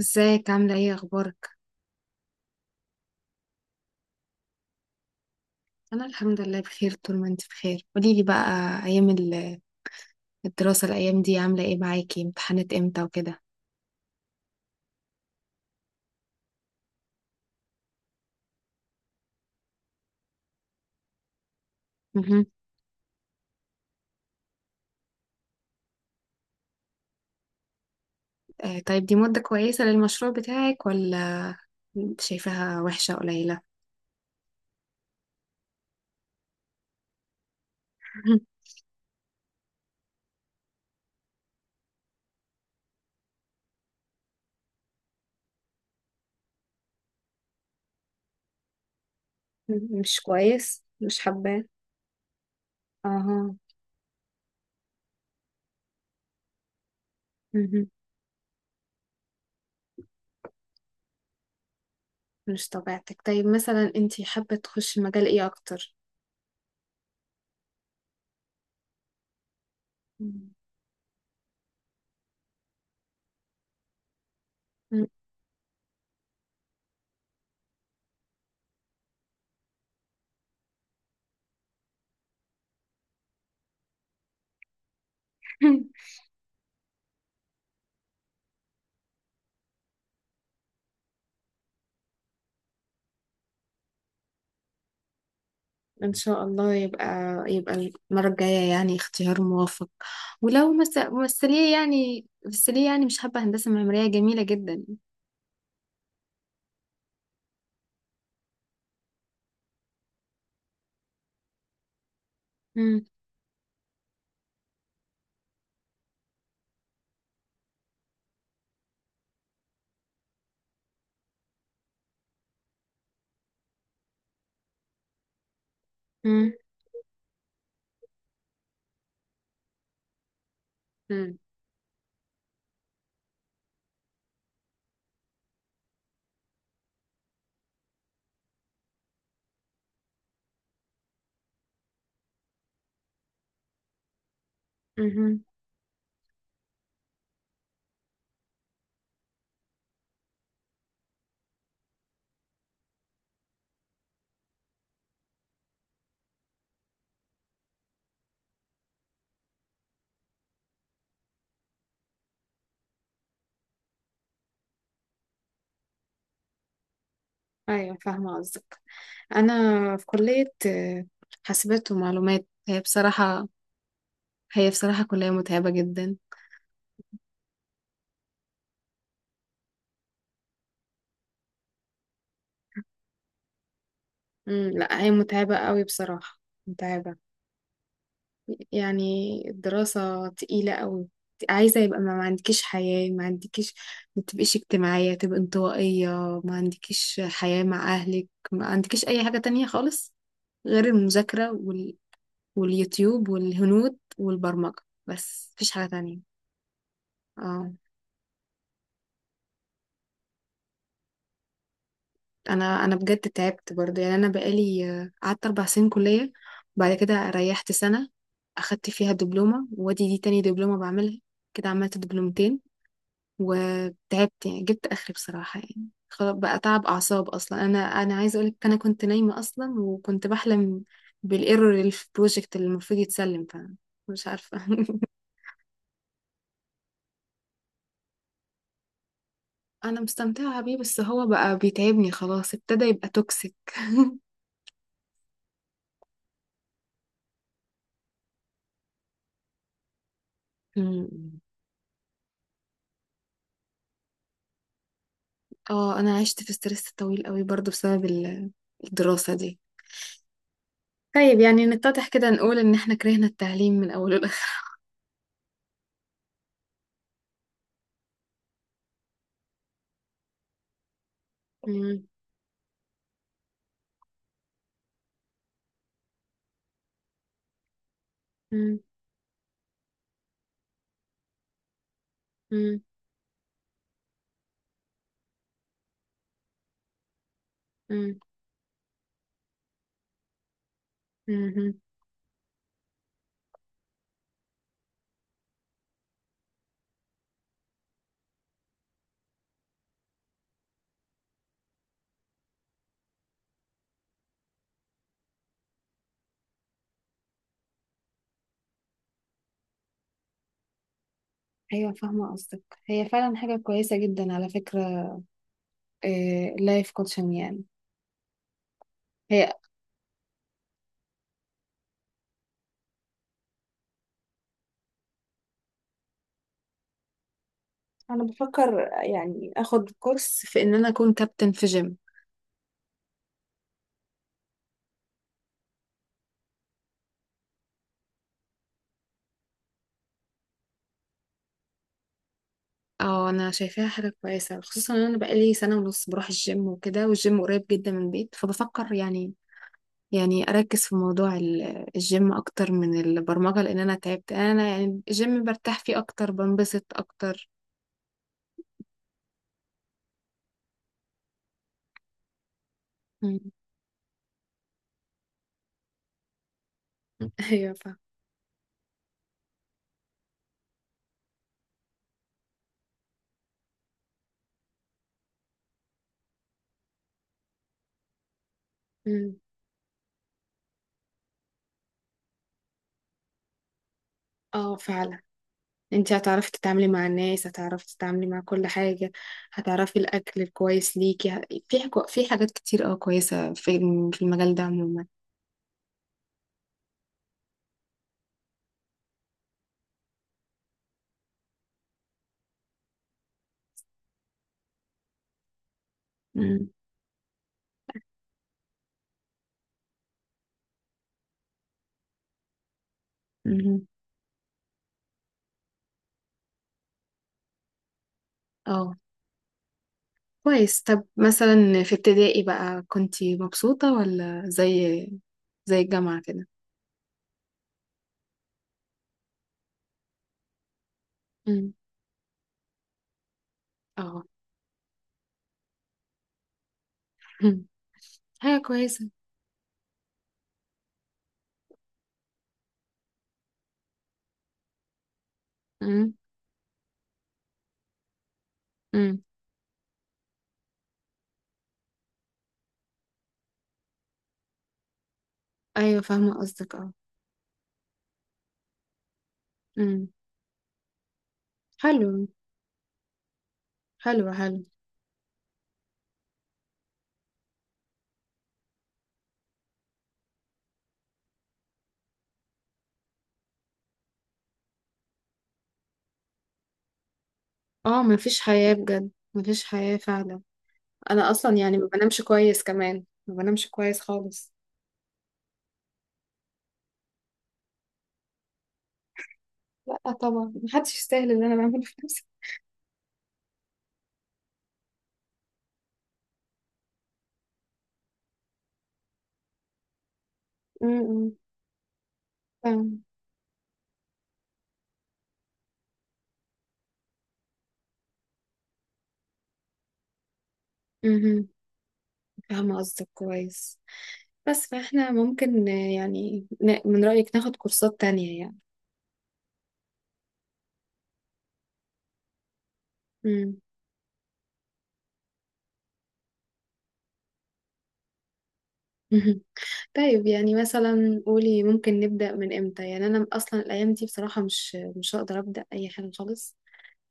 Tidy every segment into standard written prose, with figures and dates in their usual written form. ازيك عاملة ايه اخبارك؟ انا الحمد لله بخير طول ما انت بخير، قوليلي بقى. ايام ال- الدراسة الايام دي عاملة ايه معاكي، امتحانات امتى وكده؟ مهم. آه طيب، دي مدة كويسة للمشروع بتاعك ولا شايفاها وحشة قليلة؟ مهم. مش كويس، مش حباه. اها. مهم. مش طبيعتك، طيب مثلا انت حابة تخشي مجال ايه اكتر؟ مم. مم. ان شاء الله، يبقى المره الجايه يعني اختيار موفق. ولو ممثليه يعني مش حابه، هندسه معماريه جميله جدا. مم. مم. مم. مم. ايوه فاهمه قصدك، انا في كليه حاسبات ومعلومات، هي بصراحه كليه متعبه جدا. مم. لا هي متعبه قوي بصراحه، متعبه يعني، الدراسة تقيلة أوي. عايزة يبقى ما عندكيش حياة، ما عندكيش، ما تبقيش اجتماعية، تبقى انطوائية، ما عندكيش حياة مع أهلك، ما عندكيش أي حاجة تانية خالص غير المذاكرة واليوتيوب والهنود والبرمجة، بس مفيش حاجة تانية. اه، أنا بجد تعبت برضه، يعني أنا بقالي قعدت 4 سنين كلية، وبعد كده ريحت سنة أخدت فيها دبلومة، وادي دي تاني دبلومة بعملها، كده عملت دبلومتين وتعبت، يعني جبت اخري بصراحة، يعني خلاص بقى تعب اعصاب، اصلا انا عايزة اقولك، انا كنت نايمة اصلا وكنت بحلم بالايرور اللي في البروجكت اللي المفروض يتسلم، فمش عارفة. انا مستمتعة بيه، بس هو بقى بيتعبني، خلاص ابتدى يبقى توكسيك. مم. اه، انا عشت في ستريس طويل قوي برضو بسبب الدراسة دي. طيب يعني نتضح كده، نقول ان احنا كرهنا التعليم من اوله لاخره. مم، مم، مم، مم، مم. ايوه فاهمه قصدك، هي فعلا حاجه كويسه جدا على فكره، اللايف كوتشنج يعني. هي انا بفكر يعني اخد كورس في ان انا اكون كابتن في جيم. اه انا شايفاها حاجه كويسه، خصوصا ان انا بقالي سنه ونص بروح الجيم وكده، والجيم قريب جدا من البيت، فبفكر يعني، يعني اركز في موضوع الجيم اكتر من البرمجه، لان انا تعبت، انا يعني الجيم برتاح فيه اكتر، بنبسط اكتر. مم. ايوه فاهمه. مم. اه فعلا، انت هتعرفي تتعاملي مع الناس، هتعرفي تتعاملي مع كل حاجة، هتعرفي الأكل الكويس ليكي، في حاجات كتير اه كويسة في في المجال ده عموما. مم. مم. اه كويس، طب مثلا في ابتدائي بقى كنتي مبسوطة ولا زي الجامعة كده؟ مم. اه. مم. حاجة كويسة. مم. مم. أيوة فاهمة قصدك، اه. مم. حلو، حلو، حلو. اه مفيش حياة بجد، مفيش حياة فعلا. انا اصلا يعني ما بنامش كويس كمان، ما بنامش كويس خالص. لا طبعا، محدش يستاهل اللي انا بعمله في نفسي. امم. فاهم. امم. فاهمة قصدك كويس. بس فاحنا ممكن يعني من رأيك ناخد كورسات تانية يعني. امم. مهم. طيب يعني مثلا قولي، ممكن نبدأ من امتى؟ يعني انا اصلا الايام دي بصراحة مش هقدر أبدأ اي حاجة خالص،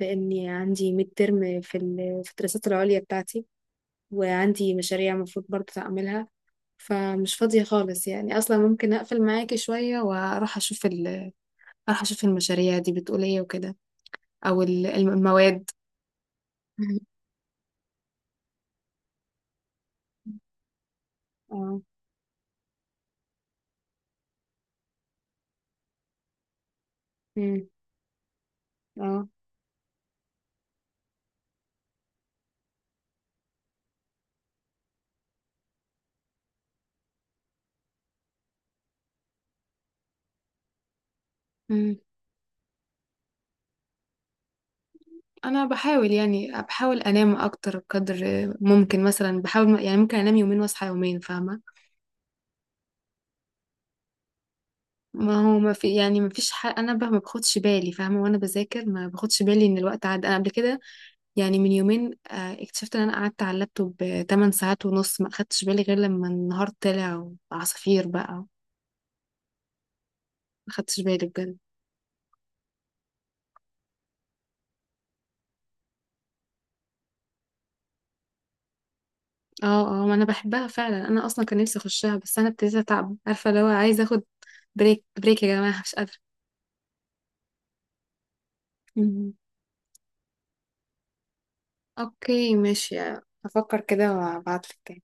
لاني عندي ميد ترم في في الدراسات العليا بتاعتي، وعندي مشاريع المفروض برضه اعملها، فمش فاضية خالص يعني، أصلا ممكن أقفل معاكي شوية وأروح أشوف أروح أشوف المشاريع دي بتقول إيه وكده، أو المواد. مم. اه. مم. اه. مم. أنا بحاول، يعني بحاول أنام أكتر قدر ممكن، مثلا بحاول يعني ممكن أنام يومين وأصحى يومين، فاهمة. ما هو ما في يعني ما فيش حق، أنا بقى ما باخدش بالي، فاهمة، وأنا بذاكر ما باخدش بالي إن الوقت عدى، أنا قبل كده يعني من يومين اكتشفت ان انا قعدت على اللابتوب 8 ساعات ونص، ما اخدتش بالي غير لما النهار طلع وعصافير، بقى ما اخدتش بالي بجد. اه اه، ما انا بحبها فعلا، انا اصلا كان نفسي اخشها، بس انا ابتديت اتعب، عارفه لو عايزه اخد بريك، بريك يا جماعه، مش قادره. مم. اوكي ماشي، هفكر كده وابعتلك.